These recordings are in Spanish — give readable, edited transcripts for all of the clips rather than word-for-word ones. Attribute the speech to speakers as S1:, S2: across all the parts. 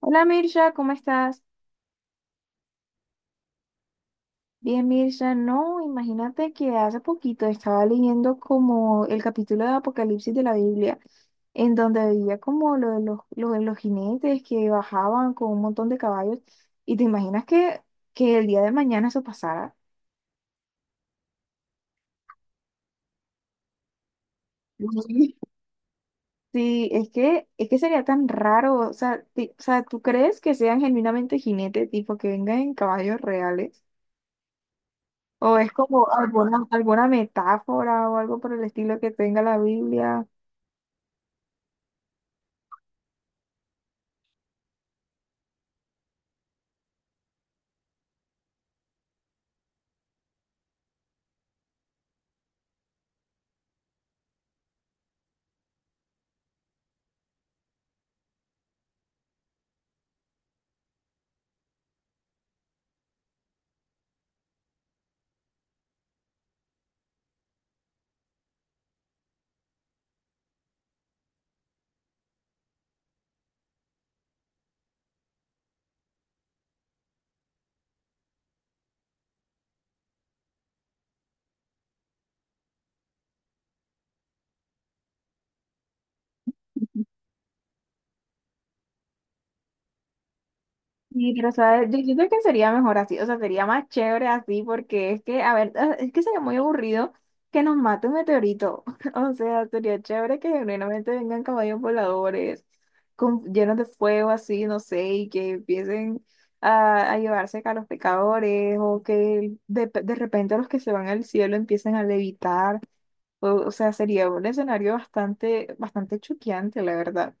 S1: Hola Mirza, ¿cómo estás? Bien, Mirza, no, imagínate que hace poquito estaba leyendo como el capítulo de Apocalipsis de la Biblia, en donde veía como lo de los jinetes que bajaban con un montón de caballos, y te imaginas que el día de mañana eso pasara. Sí, Sí, es que sería tan raro, o sea, o sea, ¿tú crees que sean genuinamente jinetes, tipo que vengan en caballos reales? O es como alguna metáfora o algo por el estilo que tenga la Biblia. Sí, pero sabes, yo siento que sería mejor así, o sea, sería más chévere así, porque es que, a ver, es que sería muy aburrido que nos mate un meteorito. O sea, sería chévere que genuinamente vengan caballos voladores con, llenos de fuego así, no sé, y que empiecen a llevarse a los pecadores, o que de repente los que se van al cielo empiecen a levitar. O sea, sería un escenario bastante choqueante, la verdad.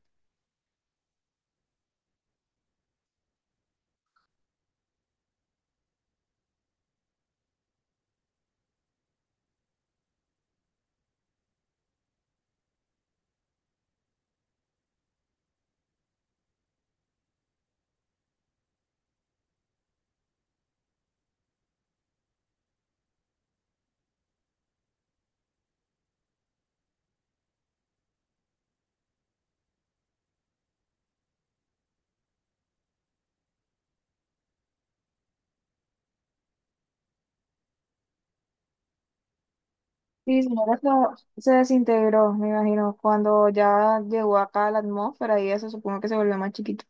S1: Sí, señora, no, se desintegró, me imagino, cuando ya llegó acá a la atmósfera y eso supongo que se volvió más chiquito.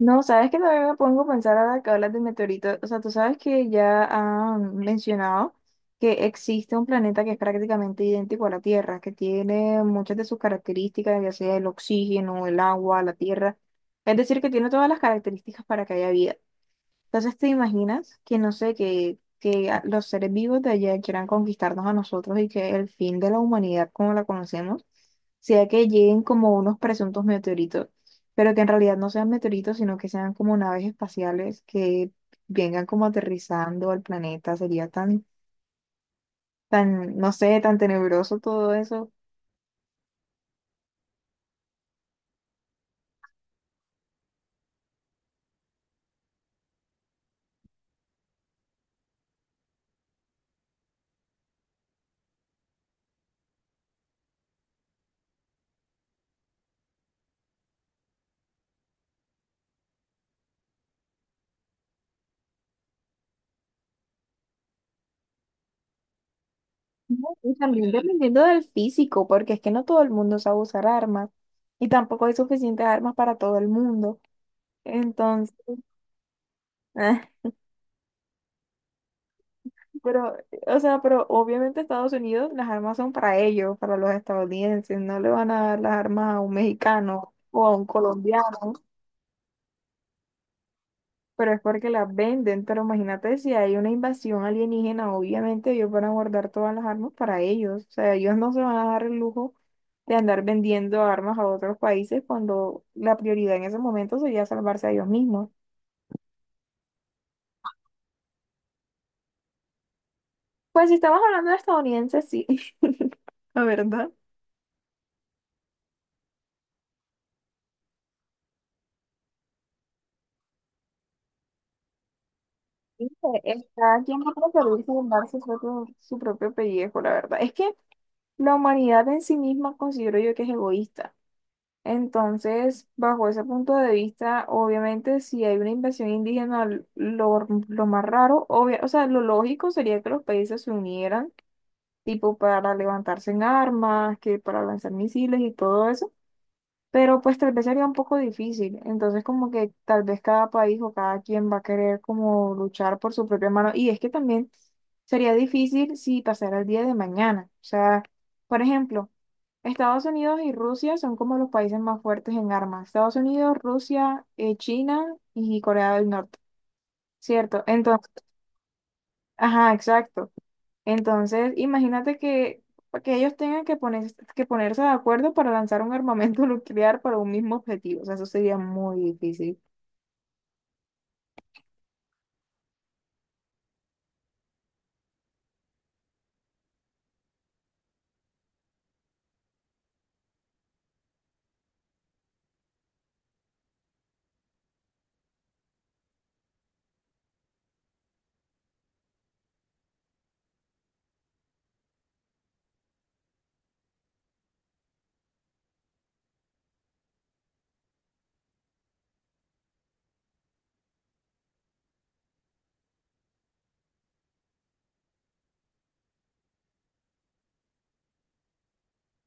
S1: No, sabes que también me pongo a pensar ahora que hablas de meteoritos. O sea, tú sabes que ya han mencionado que existe un planeta que es prácticamente idéntico a la Tierra, que tiene muchas de sus características, ya sea el oxígeno, el agua, la tierra. Es decir, que tiene todas las características para que haya vida. Entonces, ¿te imaginas que, no sé, que los seres vivos de allá quieran conquistarnos a nosotros y que el fin de la humanidad como la conocemos sea que lleguen como unos presuntos meteoritos, pero que en realidad no sean meteoritos, sino que sean como naves espaciales que vengan como aterrizando al planeta? Sería tan no sé, tan tenebroso todo eso. No, y también dependiendo del físico, porque es que no todo el mundo sabe usar armas y tampoco hay suficientes armas para todo el mundo. Entonces... Pero, o sea, pero obviamente Estados Unidos, las armas son para ellos, para los estadounidenses, no le van a dar las armas a un mexicano o a un colombiano, pero es porque las venden, pero imagínate si hay una invasión alienígena, obviamente ellos van a guardar todas las armas para ellos, o sea, ellos no se van a dar el lujo de andar vendiendo armas a otros países cuando la prioridad en ese momento sería salvarse a ellos mismos. Pues si estamos hablando de estadounidenses, sí, la verdad. Está quien va a preferir salvar su propio pellejo, la verdad. Es que la humanidad en sí misma considero yo que es egoísta. Entonces, bajo ese punto de vista, obviamente, si hay una invasión indígena, lo más raro, o sea, lo lógico sería que los países se unieran, tipo para levantarse en armas, que para lanzar misiles y todo eso, pero pues tal vez sería un poco difícil. Entonces como que tal vez cada país o cada quien va a querer como luchar por su propia mano. Y es que también sería difícil si pasara el día de mañana. O sea, por ejemplo, Estados Unidos y Rusia son como los países más fuertes en armas. Estados Unidos, Rusia, China y Corea del Norte, ¿cierto? Entonces, ajá, exacto. Entonces, imagínate que ellos tengan que ponerse de acuerdo para lanzar un armamento nuclear para un mismo objetivo. O sea, eso sería muy difícil.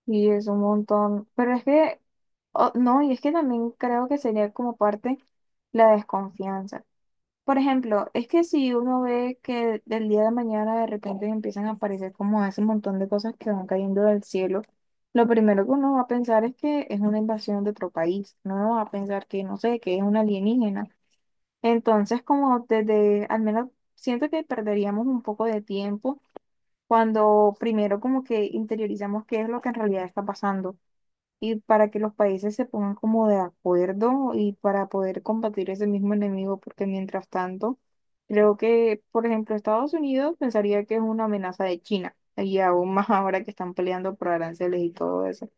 S1: Y es un montón. Pero es que, oh, no, y es que también creo que sería como parte la desconfianza. Por ejemplo, es que si uno ve que del día de mañana de repente empiezan a aparecer como ese montón de cosas que van cayendo del cielo, lo primero que uno va a pensar es que es una invasión de otro país. No va a pensar que, no sé, que es un alienígena. Entonces, como desde, al menos siento que perderíamos un poco de tiempo cuando primero como que interiorizamos qué es lo que en realidad está pasando y para que los países se pongan como de acuerdo y para poder combatir ese mismo enemigo, porque mientras tanto, creo que, por ejemplo, Estados Unidos pensaría que es una amenaza de China y aún más ahora que están peleando por aranceles y todo eso.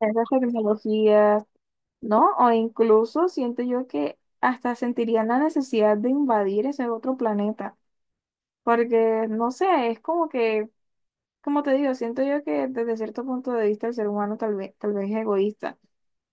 S1: Esas tecnologías, ¿no? O incluso siento yo que hasta sentirían la necesidad de invadir ese otro planeta, porque no sé, es como que como te digo, siento yo que desde cierto punto de vista el ser humano tal vez es egoísta.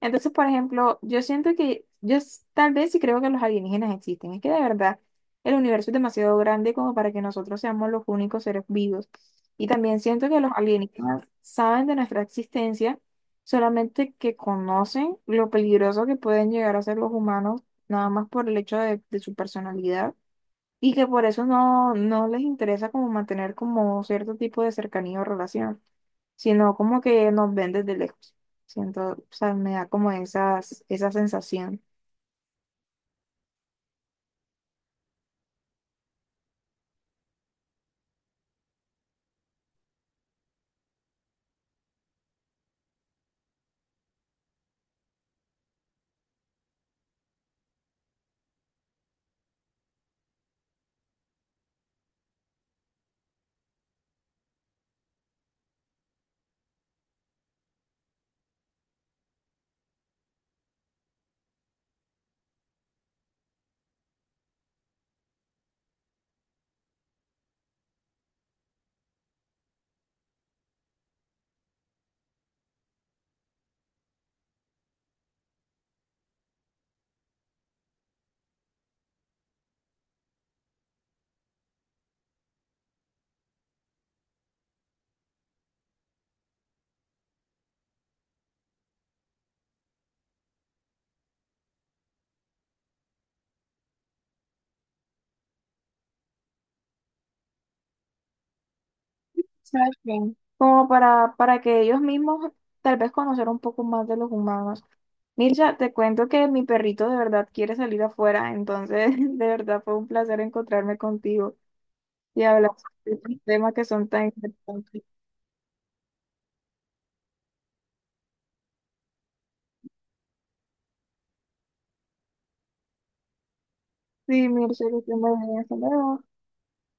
S1: Entonces, por ejemplo, yo siento que tal vez sí creo que los alienígenas existen. Es que de verdad el universo es demasiado grande como para que nosotros seamos los únicos seres vivos. Y también siento que los alienígenas saben de nuestra existencia, solamente que conocen lo peligroso que pueden llegar a ser los humanos, nada más por el hecho de su personalidad y que por eso no les interesa como mantener como cierto tipo de cercanía o relación, sino como que nos ven desde lejos. Siento, o sea, me da como esa sensación. ¿Sabes qué? Para que ellos mismos tal vez conocer un poco más de los humanos. Mircha, te cuento que mi perrito de verdad quiere salir afuera, entonces de verdad fue un placer encontrarme contigo y hablar sobre estos temas que son tan interesantes. Sí, Mircha, que te muy bien. Hasta luego.